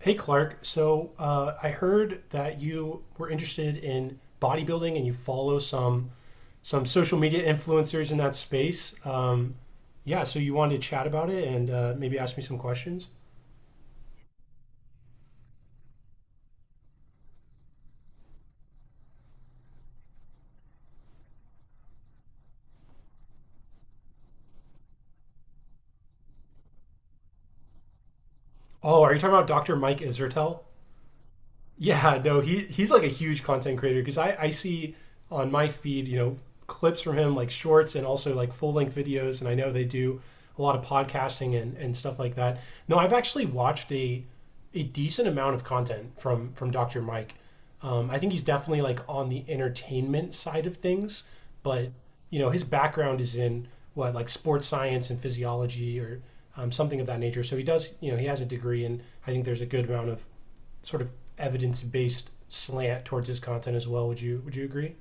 Hey, Clark. I heard that you were interested in bodybuilding and you follow some social media influencers in that space. Yeah, so you wanted to chat about it and maybe ask me some questions. Oh, are you talking about Dr. Mike Isertel? Yeah, no, he's like a huge content creator because I see on my feed, you know, clips from him like shorts and also like full length videos, and I know they do a lot of podcasting and stuff like that. No, I've actually watched a decent amount of content from Dr. Mike. I think he's definitely like on the entertainment side of things, but you know his background is in what like sports science and physiology or something of that nature. So he does, you know, he has a degree, and I think there's a good amount of sort of evidence based slant towards his content as well. Would you agree?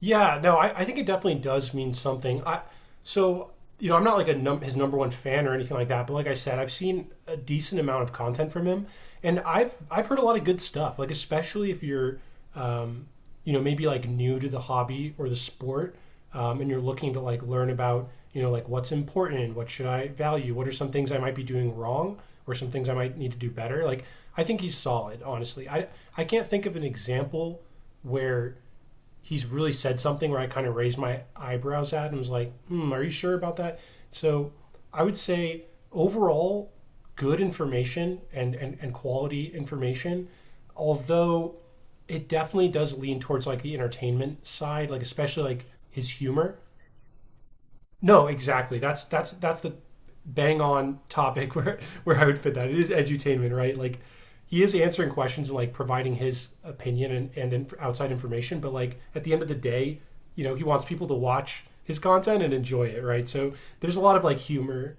Yeah, no, I think it definitely does mean something. I so You know I'm not like a his number one fan or anything like that, but like I said, I've seen a decent amount of content from him, and I've heard a lot of good stuff. Like especially if you're, um, you know, maybe like new to the hobby or the sport, and you're looking to like learn about you know like what's important, what should I value, what are some things I might be doing wrong, or some things I might need to do better. Like I think he's solid, honestly. I can't think of an example where he's really said something where I kind of raised my eyebrows at and was like, hmm, are you sure about that? So I would say overall, good information and quality information, although it definitely does lean towards like the entertainment side, like especially like his humor. No, exactly. That's the bang on topic where I would fit that. It is edutainment, right? Like he is answering questions and like providing his opinion and outside information, but like at the end of the day, you know, he wants people to watch his content and enjoy it, right? So there's a lot of like humor.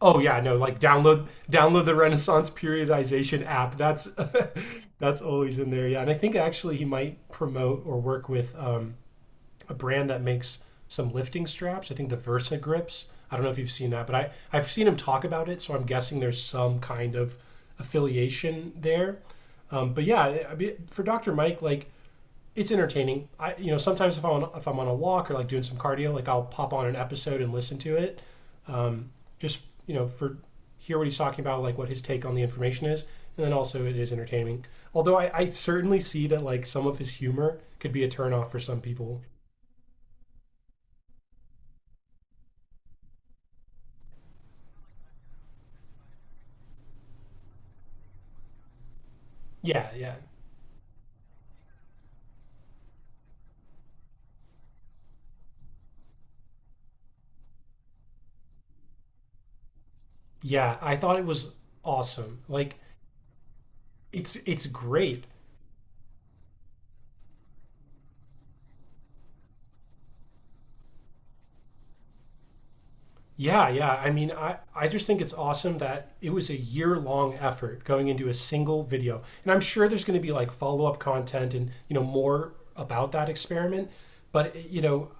Oh yeah, no, like download the Renaissance periodization app. That's that's always in there. Yeah, and I think actually he might promote or work with a brand that makes some lifting straps. I think the Versa grips. I don't know if you've seen that, but I've seen him talk about it, so I'm guessing there's some kind of affiliation there. Mean, for Dr. Mike, like it's entertaining. I you know sometimes if I'm on a walk or like doing some cardio, like I'll pop on an episode and listen to it. Um, just you know for hear what he's talking about, like what his take on the information is, and then also it is entertaining. Although I certainly see that like some of his humor could be a turnoff for some people. Yeah, yeah. Yeah, I thought it was awesome. Like it's great. Yeah, yeah. I mean, I just think it's awesome that it was a year-long effort going into a single video. And I'm sure there's going to be like follow-up content and, you know, more about that experiment, but you know,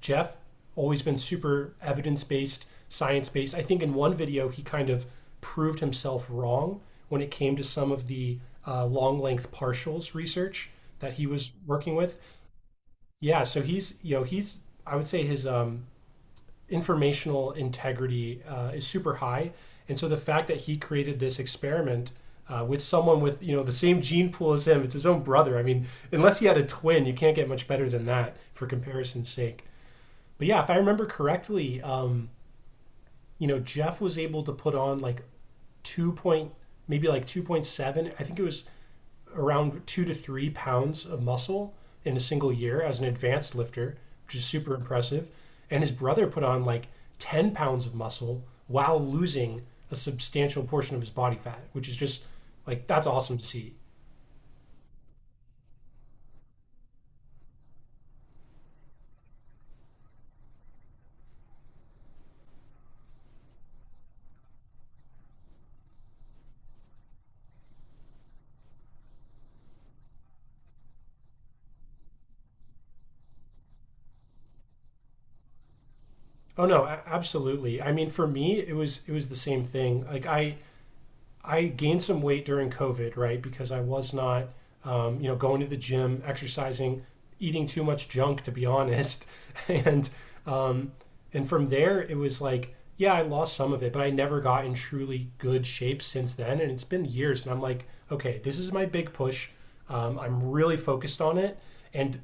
Jeff always been super evidence-based, science-based. I think in one video he kind of proved himself wrong when it came to some of the long length partials research that he was working with. Yeah, so he's, you know, I would say his informational integrity is super high. And so the fact that he created this experiment with someone with, you know, the same gene pool as him, it's his own brother. I mean, unless he had a twin, you can't get much better than that for comparison's sake. But yeah, if I remember correctly, you know, Jeff was able to put on like two point, maybe like 2.7. I think it was around 2 to 3 pounds of muscle in a single year as an advanced lifter, which is super impressive. And his brother put on like 10 pounds of muscle while losing a substantial portion of his body fat, which is just like that's awesome to see. Oh no, absolutely. I mean, for me, it was the same thing. Like I gained some weight during COVID, right? Because I was not, you know, going to the gym, exercising, eating too much junk, to be honest. and um, and from there, it was like, yeah, I lost some of it, but I never got in truly good shape since then. And it's been years, and I'm like, okay, this is my big push. I'm really focused on it, and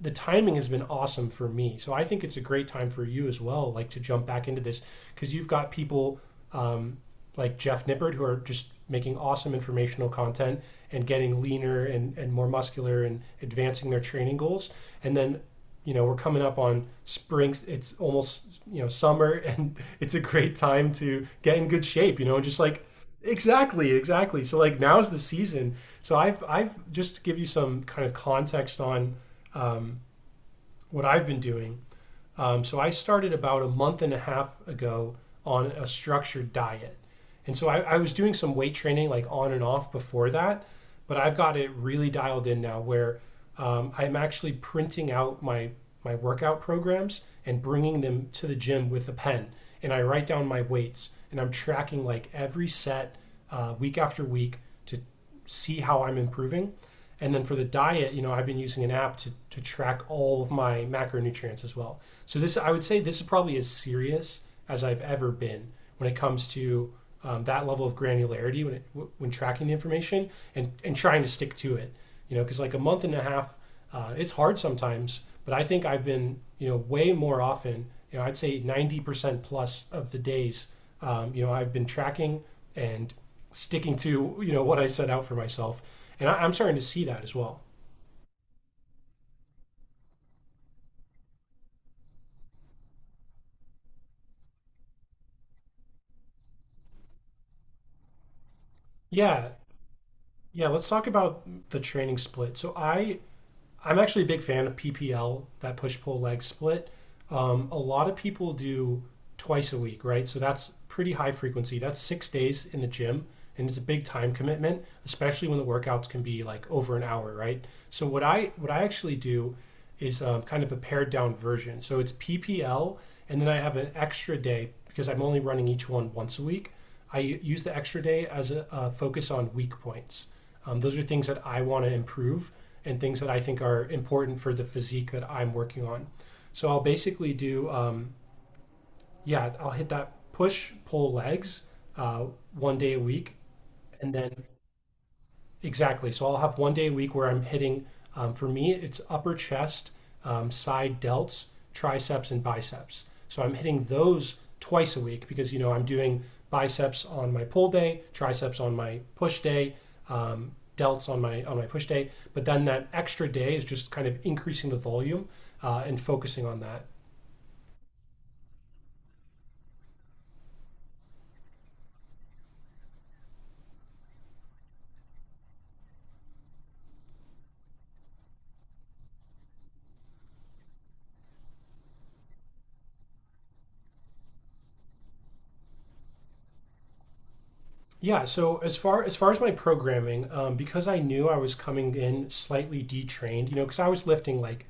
the timing has been awesome for me. So I think it's a great time for you as well, like to jump back into this because you've got people um, like Jeff Nippert who are just making awesome informational content and getting leaner and more muscular and advancing their training goals. And then, you know, we're coming up on spring. It's almost, you know, summer and it's a great time to get in good shape, you know, and just like, exactly, exactly. So like now's the season. So I've just to give you some kind of context on um, what I've been doing so I started about a month and a half ago on a structured diet. And so I was doing some weight training like on and off before that, but I've got it really dialed in now where I'm actually printing out my workout programs and bringing them to the gym with a pen. And I write down my weights and I'm tracking like every set week after week to see how I'm improving. And then for the diet, you know, I've been using an app to track all of my macronutrients as well. So this, I would say, this is probably as serious as I've ever been when it comes to that level of granularity when tracking the information and trying to stick to it. You know, because like a month and a half it's hard sometimes, but I think I've been, you know, way more often, you know, I'd say 90% plus of the days, you know, I've been tracking and sticking to, you know, what I set out for myself. And I'm starting to see that as well. Yeah. Yeah. Let's talk about the training split. I'm actually a big fan of PPL, that push pull leg split. A lot of people do twice a week, right? So that's pretty high frequency. That's 6 days in the gym, and it's a big time commitment, especially when the workouts can be like over an hour, right? So what I actually do is kind of a pared down version. So it's PPL, and then I have an extra day because I'm only running each one once a week. I use the extra day as a focus on weak points. Those are things that I want to improve and things that I think are important for the physique that I'm working on. So I'll basically do, yeah, I'll hit that push, pull legs uh, one day a week. And then exactly. So I'll have one day a week where I'm hitting, for me, it's upper chest, side delts, triceps, and biceps. So I'm hitting those twice a week because, you know, I'm doing biceps on my pull day, triceps on my push day, um, delts on my push day. But then that extra day is just kind of increasing the volume and focusing on that. Yeah. So as far as far as my programming, because I knew I was coming in slightly detrained, you know, because I was lifting like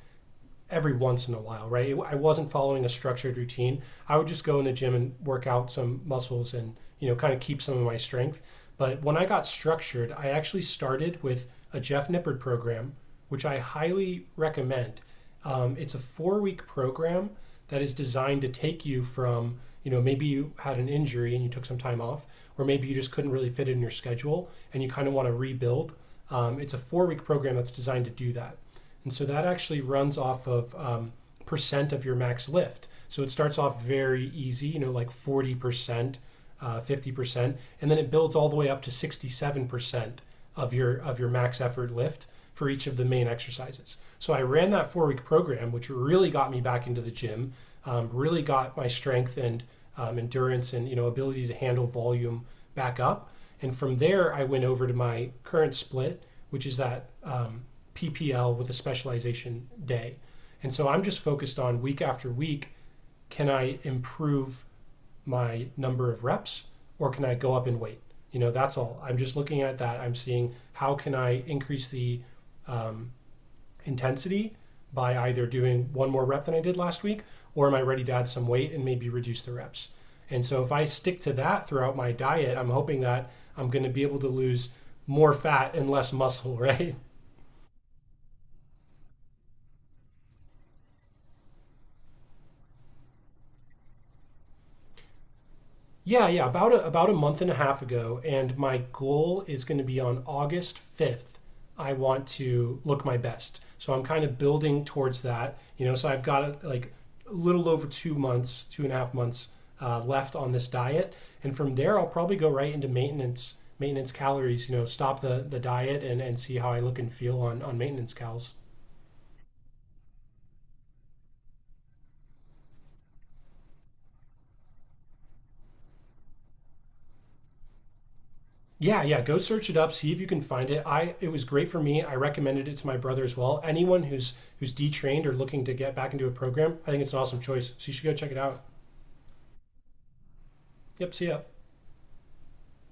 every once in a while, right? I wasn't following a structured routine. I would just go in the gym and work out some muscles and, you know, kind of keep some of my strength. But when I got structured, I actually started with a Jeff Nippard program, which I highly recommend. It's a 4 week program that is designed to take you from, you know, maybe you had an injury and you took some time off, or maybe you just couldn't really fit in your schedule and you kind of want to rebuild. It's a 4 week program that's designed to do that. And so that actually runs off of percent of your max lift. So it starts off very easy, you know, like 40%, 50%, and then it builds all the way up to 67% of your max effort lift for each of the main exercises. So I ran that 4 week program, which really got me back into the gym, really got my strength and endurance and you know ability to handle volume back up. And from there, I went over to my current split, which is that PPL with a specialization day. And so I'm just focused on week after week can I improve my number of reps or can I go up in weight? You know, that's all. I'm just looking at that. I'm seeing how can I increase the um, intensity by either doing one more rep than I did last week or am I ready to add some weight and maybe reduce the reps? And so if I stick to that throughout my diet, I'm hoping that I'm going to be able to lose more fat and less muscle, right? Yeah, yeah, about about a month and a half ago, and my goal is going to be on August 5th. I want to look my best. So I'm kind of building towards that, you know. So I've got like a little over 2 months, two and a half months left on this diet, and from there I'll probably go right into maintenance, maintenance calories. You know, stop the diet and see how I look and feel on maintenance calories. Yeah, yeah. Go search it up. See if you can find it. I It was great for me. I recommended it to my brother as well. Anyone who's detrained or looking to get back into a program, I think it's an awesome choice. So you should go check it out. Yep. See ya.